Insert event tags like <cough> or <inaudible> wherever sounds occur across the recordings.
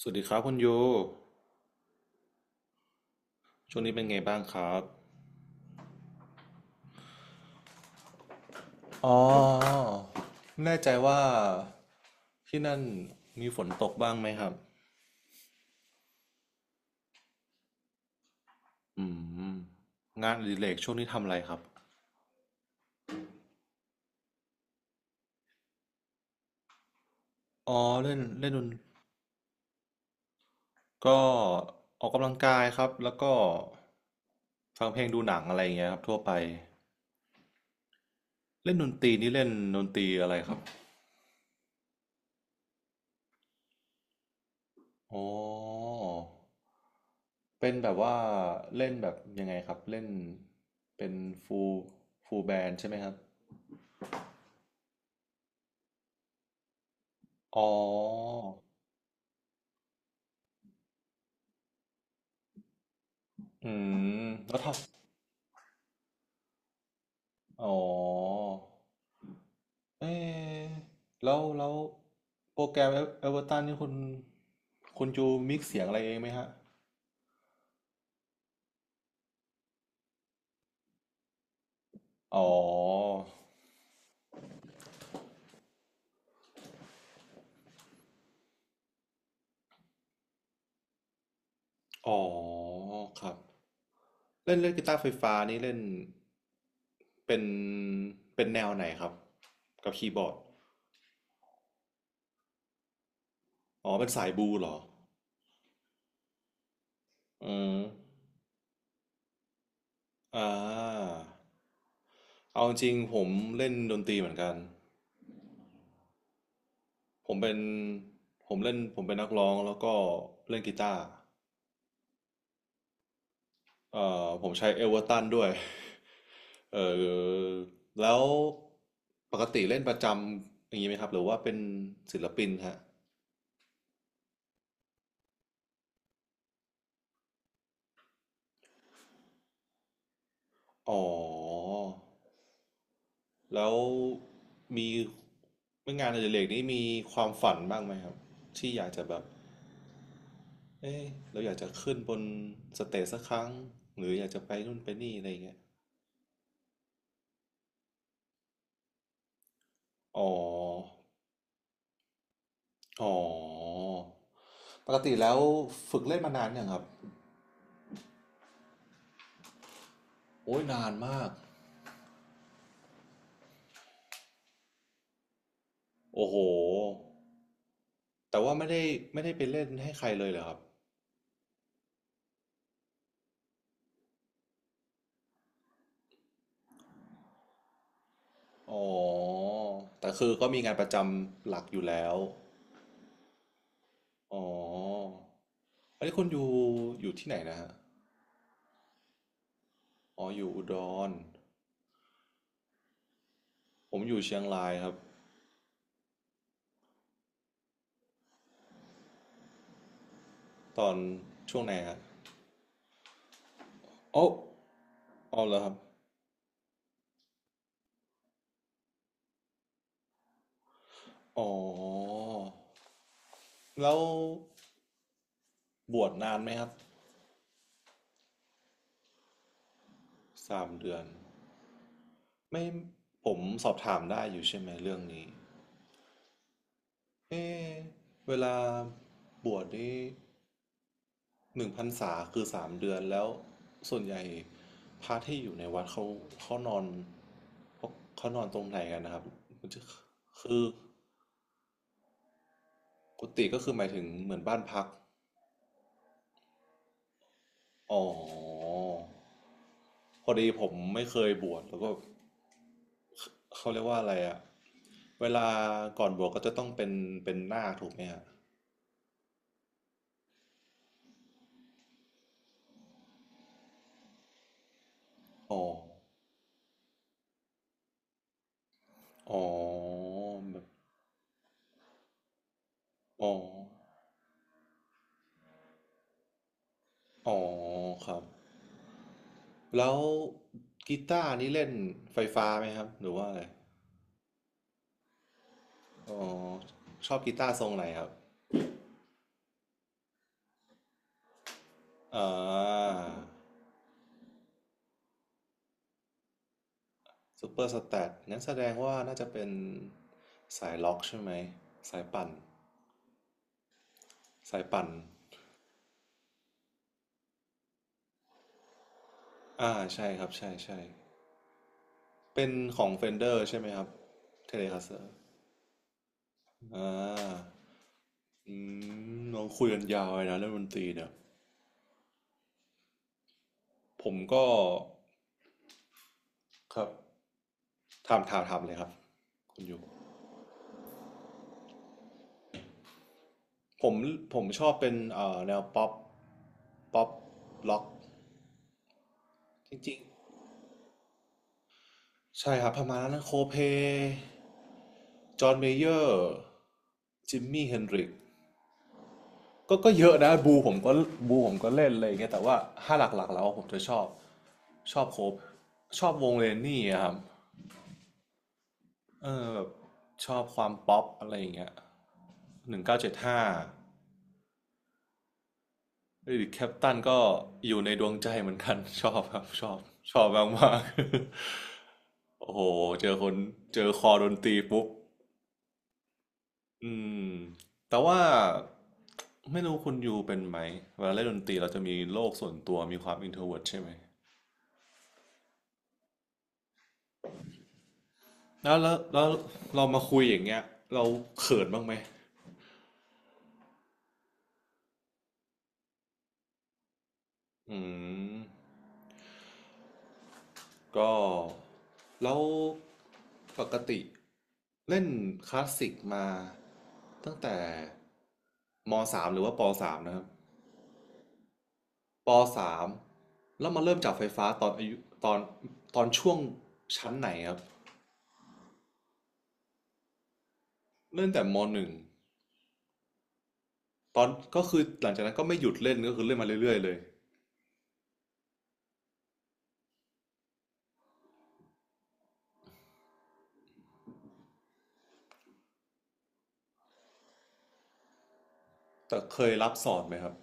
สวัสดีครับคุณโยช่วงนี้เป็นไงบ้างครับอ๋อไม่แน่ใจว่าที่นั่นมีฝนตกบ้างไหมครับอืมงานอดิเรกช่วงนี้ทำอะไรครับ อ๋อเล่นเล่นดนก็ออกกำลังกายครับแล้วก็ฟังเพลงดูหนังอะไรอย่างเงี้ยครับทั่วไป เล่นดนตรีนี่เล่นดนตรีอะไรครับอ๋อเป็นแบบว่าเล่นแบบยังไงครับเล่นเป็นฟูลฟูลแบนใช่ไหมครับ อ๋ออืมแล้วทำอ๋อเอ๊ะแล้ว โปรแกรมเอเวอร์ตันนี่คุณจูมิกซ์เสียงอะไรเองไหมฮะ อ๋อ อ๋อครับเล่นเล่นกีตาร์ไฟฟ้านี่เล่น เป็น เป็นแนวไหนครับ กับคีย์บอร์ดอ๋อ เป็นสายบลูเหรออืมอ่าเอาจริงผมเล่นดนตรีเหมือนกัน ผมเป็นผมเป็นนักร้องแล้วก็เล่นกีตาร์ผมใช้เอเวอร์ตันด้วย <laughs> เออแล้วปกติเล่นประจำอย่างนี้ไหมครับหรือว่าเป็นศิลปินฮะอ๋อแล้วมีงานอดิเรกนี้มีความฝันบ้างไหมครับที่อยากจะแบบเอ้เราอยากจะขึ้นบนสเตจสักครั้งหรืออยากจะไปนู่นไปนี่อะไรอย่างเงี้ยอ๋ออ๋อ ปกติแล้วฝึกเล่นมานานยังครับโอ้ยนานมากโอ้โหแต่ว่าไม่ได้ไปเล่นให้ใครเลยเหรอครับอ๋อแต่คือก็มีงานประจำหลักอยู่แล้วอ๋ออันนี้คุณอยู่อยู่ที่ไหนนะฮะอ๋ออยู่อุดรผมอยู่เชียงรายครับตอนช่วงไหนฮะอ๋ออ๋อเหรอครับอ๋อแล้วบวชนานไหมครับสามเดือนไม่ผมสอบถามได้อยู่ใช่ไหมเรื่องนี้ เอะเวลาบวชนี่หนึ่งพรรษาคือสามเดือนแล้วส่วนใหญ่พระที่อยู่ในวัดเขาเขานอนเขาเขานอนตรงไหนกันนะครับมันจะคือกุฏิก็คือหมายถึงเหมือนบ้านพักอ๋อพอดีผมไม่เคยบวชแล้วก็เขาเรียกว่าอะไรอะเวลาก่อนบวชก็จะต้องเป็นเป็นนาคถูกไหมฮะอ๋ออ๋อแบบอ๋ออ๋อครับ แล้วกีตาร์นี่เล่นไฟฟ้าไหมครับหรือว่าอะไรอ๋อชอบกีตาร์ทรงไหนครับอ่าซูเปอร์สแตทงั้นแสดงว่าน่าจะเป็นสายล็อกใช่ไหมสายปั่นสายปั่นอ่าใช่ครับใช่เป็นของเฟนเดอร์ใช่ไหมครับเทเลคาสเซอร์อ่าอืมลองคุยกันยาวเลยนะเรื่องดนตรีเนี่ยผมก็ครับถามเลยครับคุณอยู่ ผมชอบเป็นแนวป๊อปป๊อปล็อกจริงๆใช่ครับประมาณนั้นโคเพจอห์นเมเยอร์จิมมี่เฮนดริกก็เยอะนะบูผมก็บูผมก็เล่นอะไรอย่างเงี้ยแต่ว่าถ้าหลักๆแล้วผมจะชอบชอบโคบชอบวงเลนนี่อะครับเออแบบชอบความป๊อปอะไรอย่างเงี้ย1975เดวิดแคปตันก็อยู่ในดวงใจเหมือนกัน <laughs> ชอบครับชอบชอบมากๆ โอ้โหเจอคนเจอคอดนตรีปุ๊บอืมแต่ว่าไม่รู้คุณยูเป็นไหมเวลาเล่นดนตรีเราจะมีโลกส่วนตัวมีความอินเทรเวิร์ดใช่ไหมแล้วเรามาคุยอย่างเงี้ยเราเขินบ้างไหมอืมก็แล้วปกติเล่นคลาสสิกมาตั้งแต่มสามหรือว่าปสามนะครับ ปสามแล้วมาเริ่มจับไฟฟ้าตอนอายุตอนช่วงชั้นไหนครับเล่นแต่มหนึ่งตอนก็คือหลังจากนั้นก็ไม่หยุดเล่นก็คือเล่นมาเรื่อยๆเลยแต่เคยรับสอนไหมครับ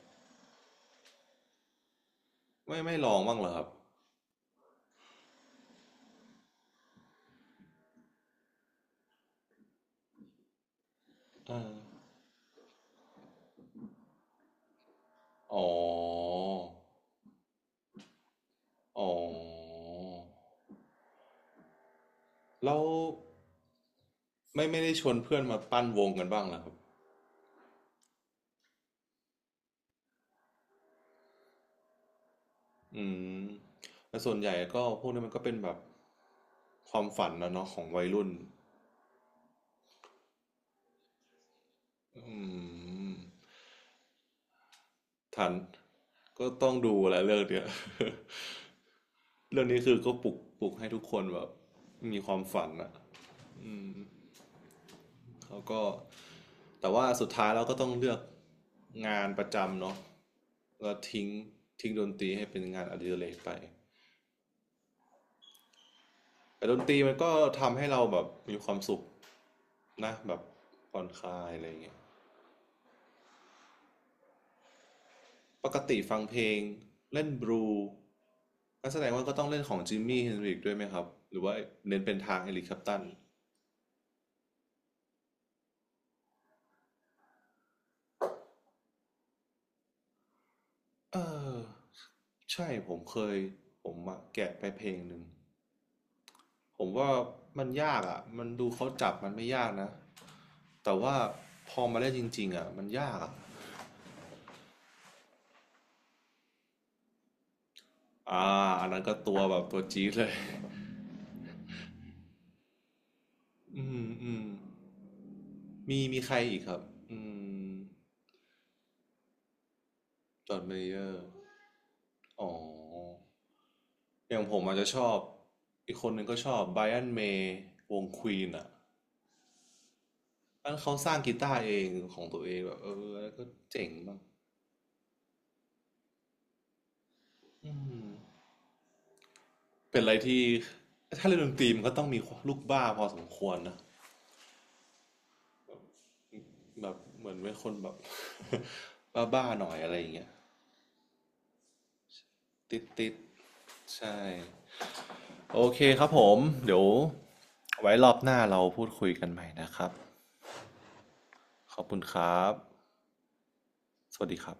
ไม่ลองบ้างเหรอครับอ่าอ๋ออ๋อแล้วไม่ไม่ได้ชวนเพื่อนมาปั้นวงกันบ้างเหรอครับอืมแต่ส่วนใหญ่ก็พวกนี้มันก็เป็นแบบความฝันนะเนาะของวัยรุ่นอืมฐาน ก็ต้องดูแหละเรื่องเนี้ย <laughs> เรื่องนี้คือก็ปลุกให้ทุกคนแบบมีความฝันอ่ะอืมแล้วก็แต่ว่าสุดท้ายเราก็ต้องเลือกงานประจำเนาะแล้วทิ้งทิ้งดนตรีให้เป็นงานอดิเรกไปแต่ดนตรีมันก็ทำให้เราแบบมีความสุขนะแบบผ่อนคลายอะไรอย่างเงี้ยปกติฟังเพลงเล่นบลูงั้นแสดงว่าก็ต้องเล่นของจิมมี่เฮนริกด้วยไหมครับหรือว่าเน้นเป็นทางเอริกแคลปตัน เออใช่ผมเคยผมอะแกะไปเพลงหนึ่งผมว่ามันยากอ่ะมันดูเขาจับมันไม่ยากนะแต่ว่าพอมาเล่นจริงๆอ่ะมันยากอะอ่าอันนั้นก็ตัวแบบตัวจี๊ดเลยอืมมีใครอีกครับอืมจอร์นเมเยอร์อ๋ออย่างผมอาจจะชอบอีกคนหนึ่งก็ชอบไบรอันเมย์วงควีนอ่ะอันเขาสร้างกีตาร์เองของตัวเองแบบเออแล้วก็เจ๋งมากอืม เป็นอะไรที่ถ้าเล่นดนตรีมันก็ต้องมีลูกบ้าพอสมควรนะแบบเหมือนเป็นคนแบบ <laughs> บ้าๆหน่อยอะไรอย่างเงี้ยติดๆใช่โอเคครับผมเดี๋ยวไว้รอบหน้าเราพูดคุยกันใหม่นะครับขอบคุณครับสวัสดีครับ